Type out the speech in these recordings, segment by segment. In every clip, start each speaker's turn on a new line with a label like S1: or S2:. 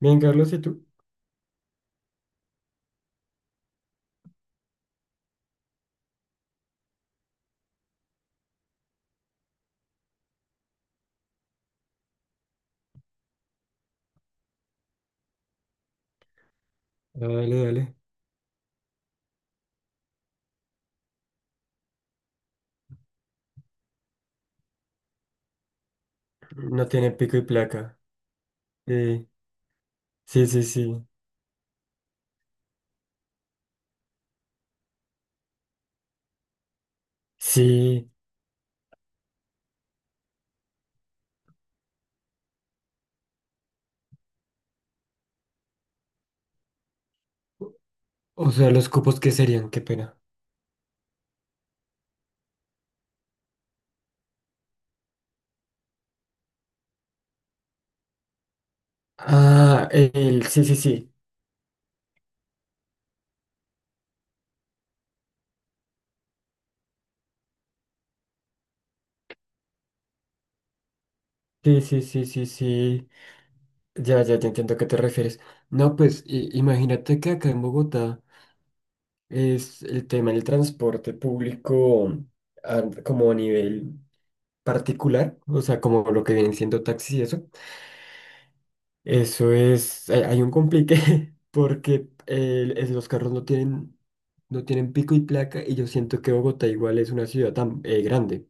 S1: Bien, Carlos, ¿y tú? Dale, dale. No tiene pico y placa. Eh, sí, sí, sí. Sí. O sea, los cupos, ¿qué serían? Qué pena. Ah, Sí, sí, sí. Sí, sí, sí, sí, sí. Ya, ya, ya entiendo a qué te refieres. No, pues imagínate que acá en Bogotá es el tema del transporte público como a nivel particular, o sea, como lo que vienen siendo taxis y eso. Eso es, hay un complique porque los carros no tienen, pico y placa y yo siento que Bogotá igual es una ciudad tan grande.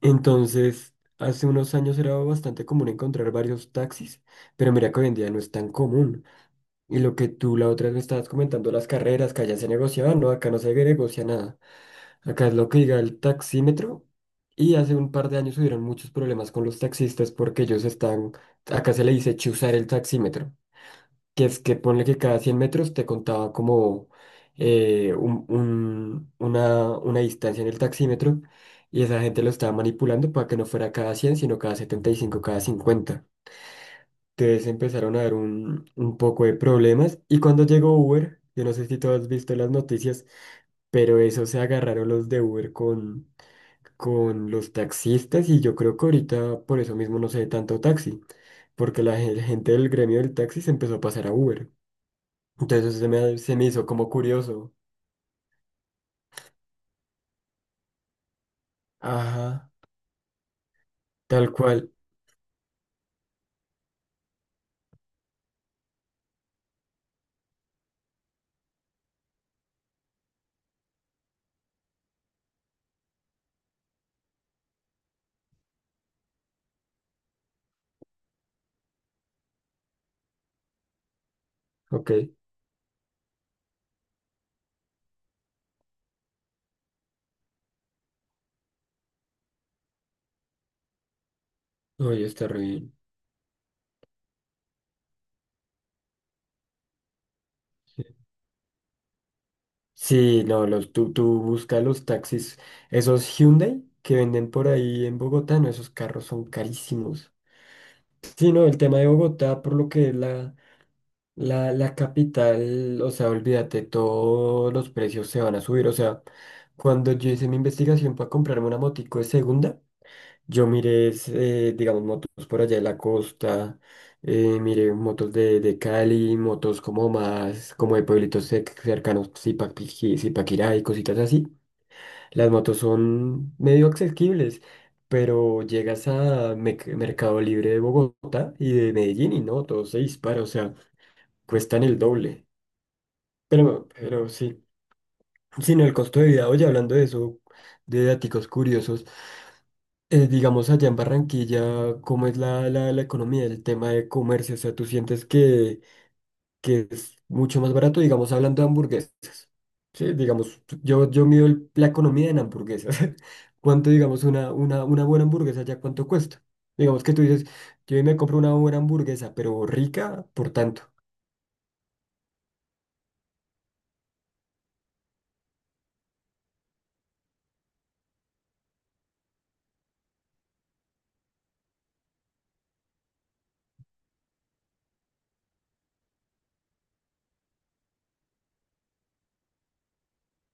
S1: Entonces, hace unos años era bastante común encontrar varios taxis, pero mira que hoy en día no es tan común. Y lo que tú la otra vez me estabas comentando, las carreras que allá se negociaban, no, acá no se negocia nada. Acá es lo que diga el taxímetro y hace un par de años hubieron muchos problemas con los taxistas porque ellos están, acá se le dice chuzar el taxímetro, que es que ponle que cada 100 metros te contaba como una distancia en el taxímetro y esa gente lo estaba manipulando para que no fuera cada 100 sino cada 75, cada 50. Entonces empezaron a dar un poco de problemas y cuando llegó Uber, yo no sé si tú has visto las noticias, pero eso se agarraron los de Uber con los taxistas y yo creo que ahorita por eso mismo no se ve tanto taxi, porque la gente del gremio del taxi se empezó a pasar a Uber. Entonces se me hizo como curioso. Ajá, tal cual. Ok. Oye, está re bien. Sí, sí, no, tú buscas los taxis. Esos Hyundai que venden por ahí en Bogotá, no, esos carros son carísimos. Sí, no, el tema de Bogotá, por lo que es la capital, o sea, olvídate, todos los precios se van a subir. O sea, cuando yo hice mi investigación para comprarme una motico de segunda, yo miré, digamos, motos por allá de la costa, miré motos de Cali, motos como más, como de pueblitos cercanos, Zipaquirá y cositas así. Las motos son medio accesibles, pero llegas a Mercado Libre de Bogotá y de Medellín y no, todo se dispara, o sea, cuestan el doble. Pero sí, sino el costo de vida, oye, hablando de eso, de daticos curiosos. Digamos, allá en Barranquilla, ¿cómo es la economía, el tema de comercio? O sea, ¿tú sientes que, es mucho más barato, digamos, hablando de hamburguesas? Sí, digamos, yo mido la economía en hamburguesas. ¿Cuánto, digamos, una buena hamburguesa ya cuánto cuesta? Digamos que tú dices, yo hoy me compro una buena hamburguesa, pero rica, por tanto.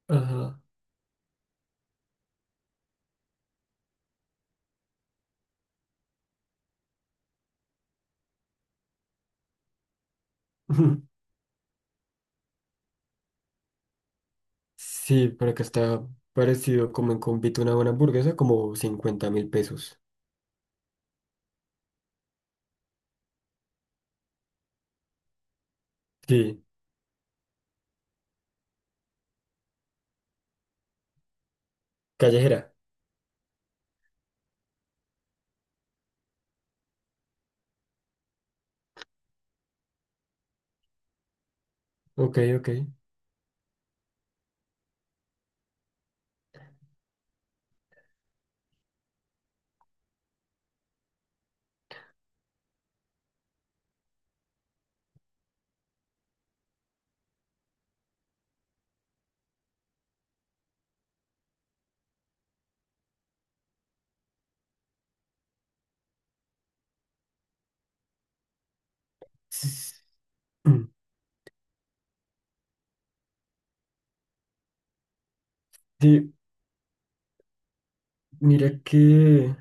S1: Ajá. Sí, pero acá está parecido como en Convito una buena hamburguesa, como 50.000 pesos. Sí, callejera. Ok, ok. Mm. Sí, mira que,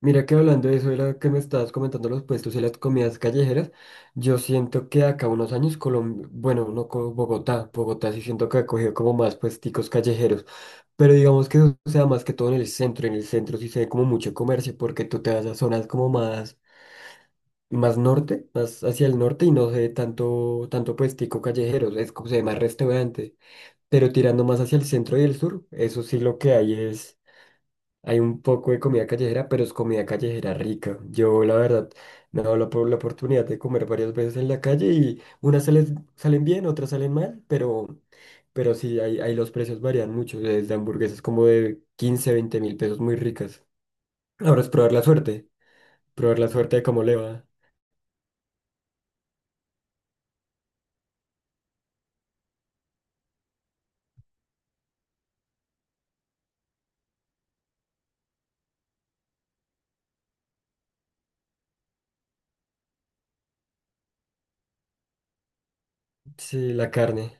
S1: mira que hablando de eso, era que me estabas comentando los puestos y las comidas callejeras. Yo siento que acá unos años Colombia, bueno, no como Bogotá, Bogotá sí siento que ha cogido como más puesticos callejeros, pero digamos que eso sea más que todo en el centro sí se ve como mucho comercio porque tú te vas a zonas como más, más norte, más hacia el norte y no se ve tanto, tanto puestico callejero, es como se ve más restaurante, pero tirando más hacia el centro y el sur, eso sí lo que hay es hay un poco de comida callejera, pero es comida callejera rica. Yo, la verdad, me he dado la oportunidad de comer varias veces en la calle y unas salen bien, otras salen mal, pero, sí, ahí los precios varían mucho, desde hamburguesas como de 15, 20.000 pesos muy ricas. Ahora es probar la suerte de cómo le va. Sí, la carne.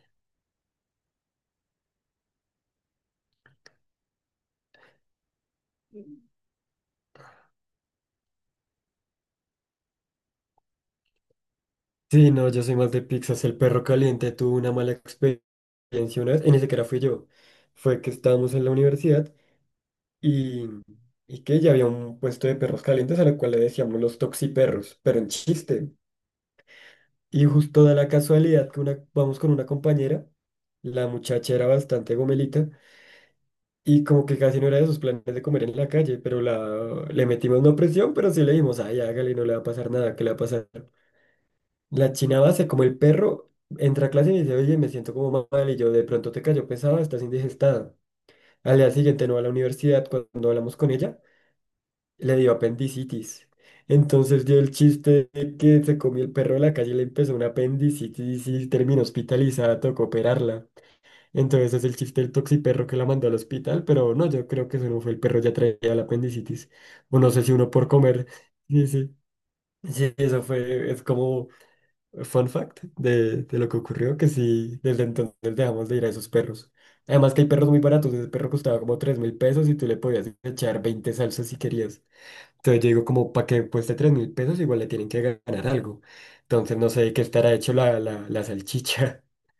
S1: Sí, no, yo soy más de pizzas. El perro caliente tuvo una mala experiencia una vez, y ni siquiera fui yo. Fue que estábamos en la universidad. y, y que ya había un puesto de perros calientes a lo cual le decíamos los toxiperros, pero en chiste. Y justo da la casualidad que una, vamos con una compañera, la muchacha era bastante gomelita y como que casi no era de sus planes de comer en la calle, pero la, le metimos no presión, pero sí le dijimos, ay, hágale, no le va a pasar nada, ¿qué le va a pasar? La china base, como el perro, entra a clase y me dice, oye, me siento como mal y yo de pronto te cayó pesado, estás indigestada. Al día siguiente no va a la universidad cuando hablamos con ella. Le dio apendicitis. Entonces dio el chiste de que se comió el perro de la calle y le empezó una apendicitis y terminó hospitalizada, tocó operarla. Entonces es el chiste del toxiperro que la mandó al hospital, pero no, yo creo que eso no fue el perro, ya traía la apendicitis. O no sé si uno por comer. Sí, sí. Sí, eso fue, es como fun fact de lo que ocurrió, que sí, desde entonces dejamos de ir a esos perros. Además que hay perros muy baratos, ese perro costaba como 3.000 pesos y tú le podías echar 20 salsas si querías. Entonces yo digo, como para que cueste 3.000 pesos, igual le tienen que ganar algo. Entonces no sé de qué estará hecho la salchicha.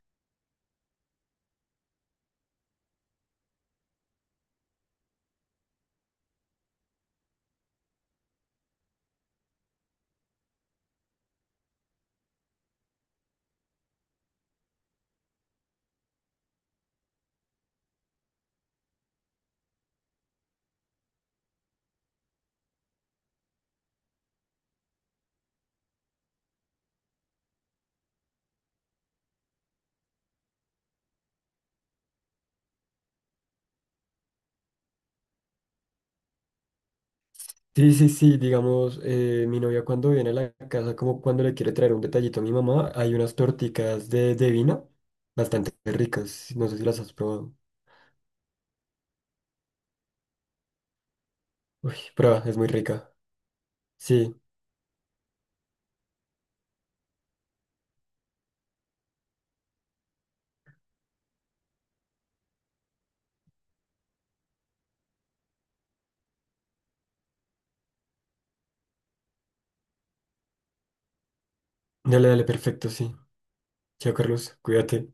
S1: Sí, sí, sí, digamos, mi novia cuando viene a la casa, como cuando le quiere traer un detallito a mi mamá, hay unas torticas de vino bastante ricas. No sé si las has probado. Uy, prueba, es muy rica. Sí, dale, dale, perfecto, sí. Chao, Carlos, cuídate.